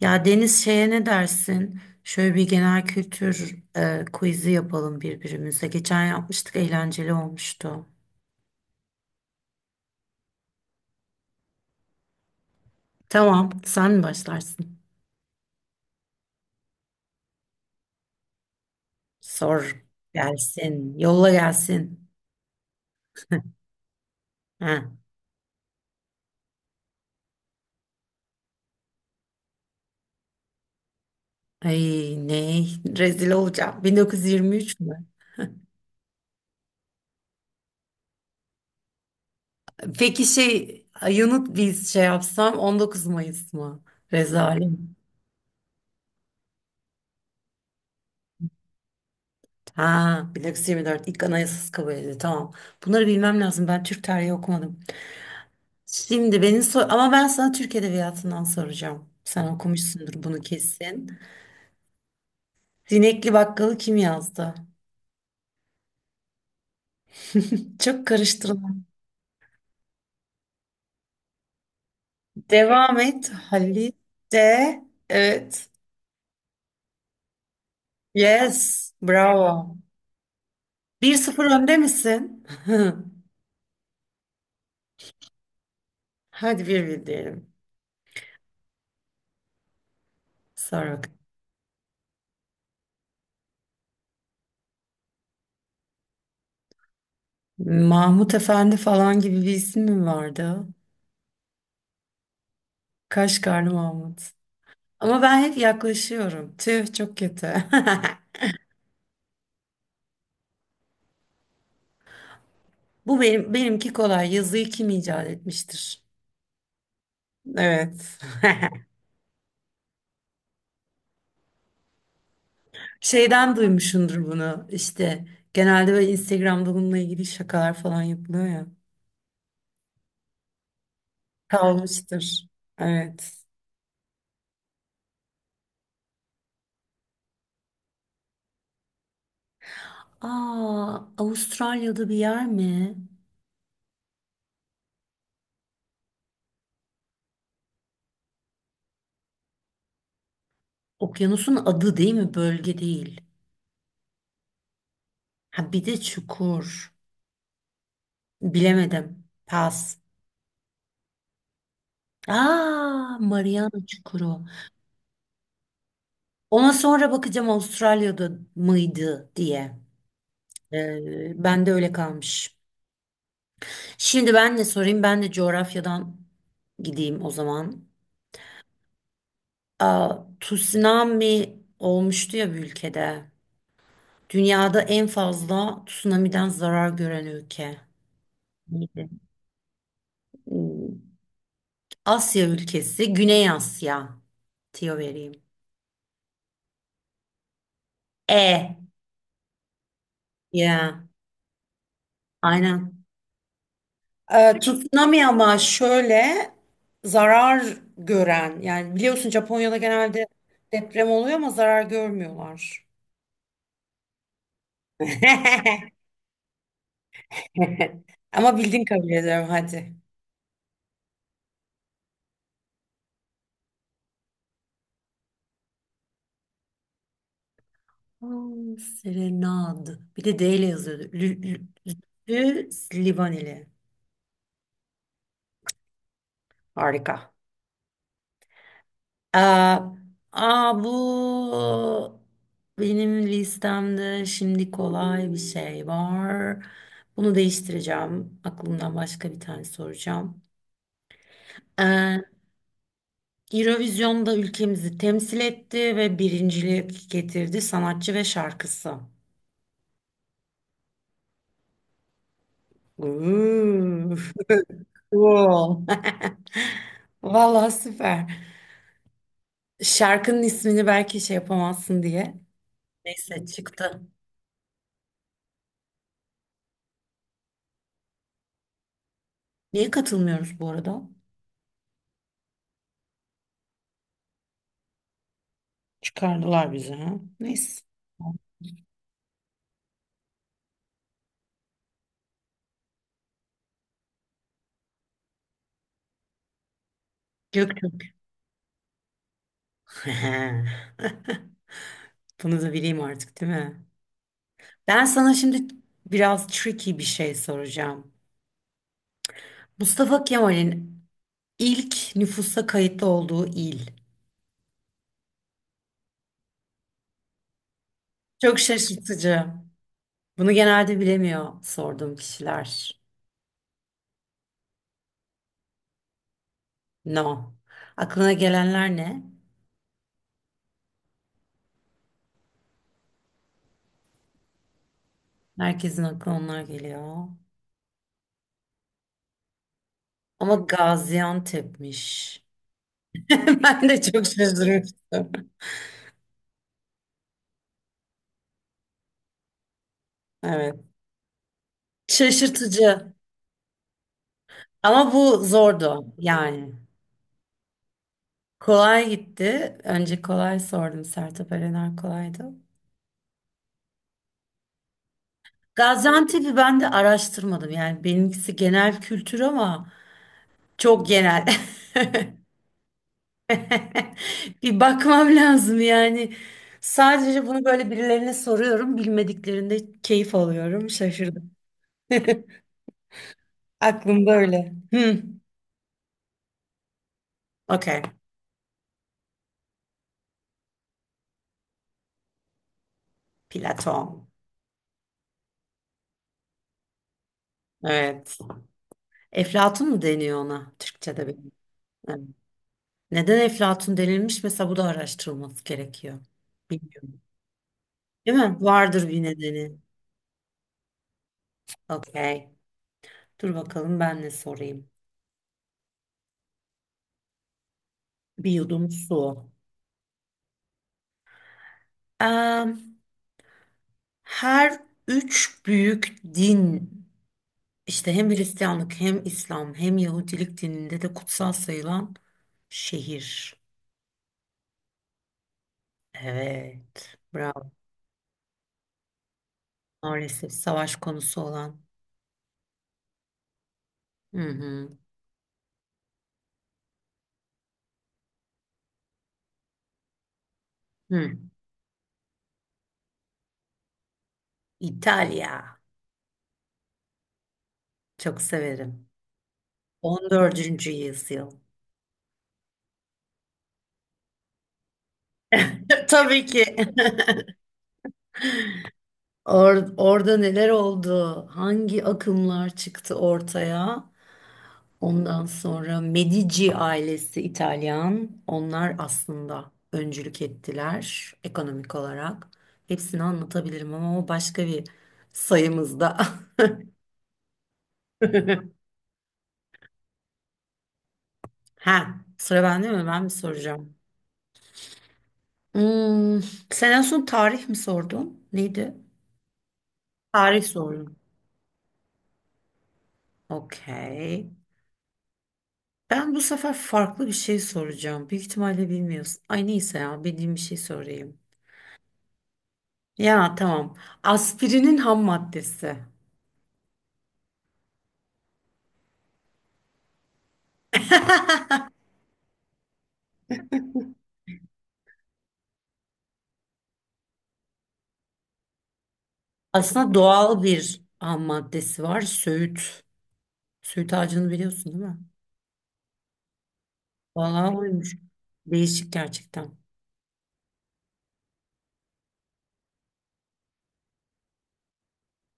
Ya Deniz şeye ne dersin? Şöyle bir genel kültür quiz'i yapalım birbirimize. Geçen yapmıştık, eğlenceli olmuştu. Tamam, sen mi başlarsın? Sor gelsin, yolla gelsin. Ha. Ay ne rezil olacağım. 1923 mü? Peki şey yanıt biz şey yapsam 19 Mayıs mı? Rezalim. Ha 1924 ilk anayasası kabul edildi. Tamam. Bunları bilmem lazım. Ben Türk tarihi okumadım. Şimdi beni sor ama ben sana Türk Edebiyatı'ndan soracağım. Sen okumuşsundur bunu kesin. Zinekli Bakkalı kim yazdı? Çok karıştırılan. Devam et. Halit de. Evet. Yes. Bravo. 1-0 önde misin? Hadi 1-1 diyelim. Sor bakalım. Mahmut Efendi falan gibi bir isim mi vardı? Kaşgarlı Mahmut. Ama ben hep yaklaşıyorum. Tüh çok kötü. Bu benimki kolay. Yazıyı kim icat etmiştir? Evet. Şeyden duymuşsundur bunu. İşte genelde böyle Instagram'da bununla ilgili şakalar falan yapılıyor ya. Kalmıştır. Evet. Aa, Avustralya'da bir yer mi? Okyanusun adı değil mi? Bölge değil. Ha bir de çukur. Bilemedim. Pas. Aa, Mariana Çukuru. Ona sonra bakacağım Avustralya'da mıydı diye. Ben de öyle kalmış. Şimdi ben de sorayım. Ben de coğrafyadan gideyim o zaman. Aa, tsunami olmuştu ya bir ülkede. Dünyada en fazla tsunami'den zarar gören ülke. Neydi? Hmm, Asya ülkesi, Güney Asya. Tiyo vereyim. E. Ya. Aynen. Tsunami ama şöyle zarar gören. Yani biliyorsun Japonya'da genelde deprem oluyor ama zarar görmüyorlar. Ama bildin kabul ediyorum hadi. Serenad. Bir de D ile yazıyordu. Livaneli. Harika. Aa, aa, bu benim listemde şimdi kolay bir şey var. Bunu değiştireceğim. Aklımdan başka bir tane soracağım. Ee, Eurovision'da ülkemizi temsil etti ve birincilik getirdi sanatçı ve şarkısı. Uuu. Cool. Vallahi süper. Şarkının ismini belki şey yapamazsın diye. Neyse çıktı. Niye katılmıyoruz bu arada? Çıkardılar bizi ha. Neyse. Göktürk. Bunu da bileyim artık değil mi? Ben sana şimdi biraz tricky bir şey soracağım. Mustafa Kemal'in ilk nüfusa kayıtlı olduğu il. Çok şaşırtıcı. Bunu genelde bilemiyor sorduğum kişiler. No. Aklına gelenler ne? Herkesin aklına onlar geliyor. Ama Gaziantep'miş. Ben de çok şaşırmıştım. Evet. Şaşırtıcı. Ama bu zordu yani. Kolay gitti. Önce kolay sordum. Sertab Erener kolaydı. Gaziantep'i ben de araştırmadım. Yani benimkisi genel kültür ama çok genel. Bir bakmam lazım yani. Sadece bunu böyle birilerine soruyorum. Bilmediklerinde keyif alıyorum. Şaşırdım. Aklım böyle. Hı. Okey. Platon. Evet. Eflatun mu deniyor ona? Türkçe'de bir. Evet. Neden Eflatun denilmiş? Mesela bu da araştırılması gerekiyor. Bilmiyorum. Değil mi? Vardır bir nedeni. Okey. Dur bakalım ben ne sorayım. Bir yudum su. Em, her üç büyük din işte hem Hristiyanlık hem İslam hem Yahudilik dininde de kutsal sayılan şehir. Evet. Bravo. Maalesef savaş konusu olan. Hı hı. Hı. İtalya. Çok severim. 14. yüzyıl. Tabii ki. Orada neler oldu? Hangi akımlar çıktı ortaya? Ondan sonra Medici ailesi İtalyan. Onlar aslında öncülük ettiler ekonomik olarak. Hepsini anlatabilirim ama o başka bir sayımızda. Ha, sıra bende mi? Ben mi soracağım? Hmm, sen en son tarih mi sordun? Neydi? Tarih sordum. Okey. Ben bu sefer farklı bir şey soracağım. Büyük ihtimalle bilmiyorsun. Ay neyse ya bildiğim bir şey sorayım. Ya tamam. Aspirinin ham maddesi. Aslında doğal bir ham maddesi var. Söğüt. Söğüt ağacını biliyorsun değil mi? Vallahi oymuş. Değişik gerçekten.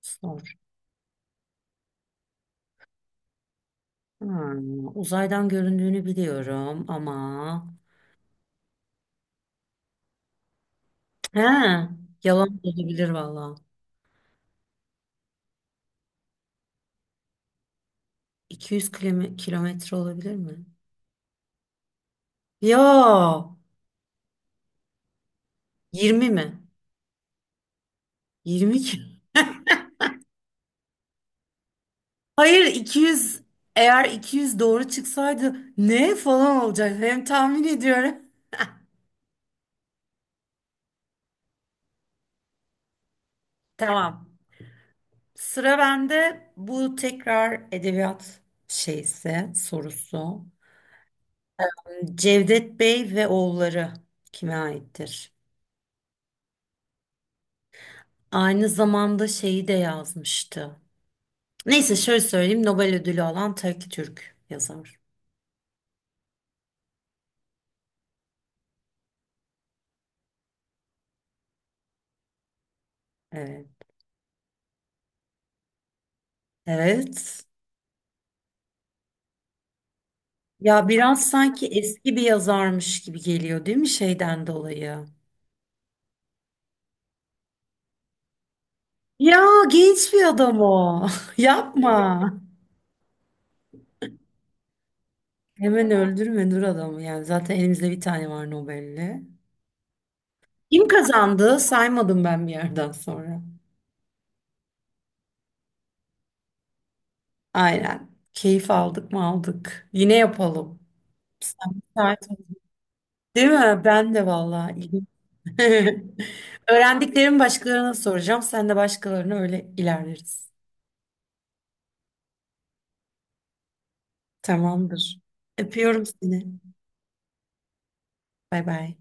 Sor. Uzaydan göründüğünü biliyorum ama. He, yalan da olabilir vallahi. 200 kilometre olabilir mi? Ya 20 mi? 20 ki. Hayır 200, eğer 200 doğru çıksaydı ne falan olacak hem tahmin ediyorum. Tamam. Sıra bende bu tekrar edebiyat şeyse sorusu. Cevdet Bey ve oğulları kime aittir? Aynı zamanda şeyi de yazmıştı. Neyse şöyle söyleyeyim Nobel ödülü alan tek Türk yazar. Evet. Evet. Ya biraz sanki eski bir yazarmış gibi geliyor değil mi şeyden dolayı? Ya genç bir adam o. Yapma. Hemen öldürme dur adamı yani. Zaten elimizde bir tane var Nobel'li. Kim kazandı? Saymadım ben bir yerden sonra. Aynen. Keyif aldık mı aldık. Yine yapalım. Sen müsait misin? Değil mi? Ben de vallahi. İyiyim. Öğrendiklerimi başkalarına soracağım. Sen de başkalarına öyle ilerleriz. Tamamdır. Öpüyorum seni. Bay bay.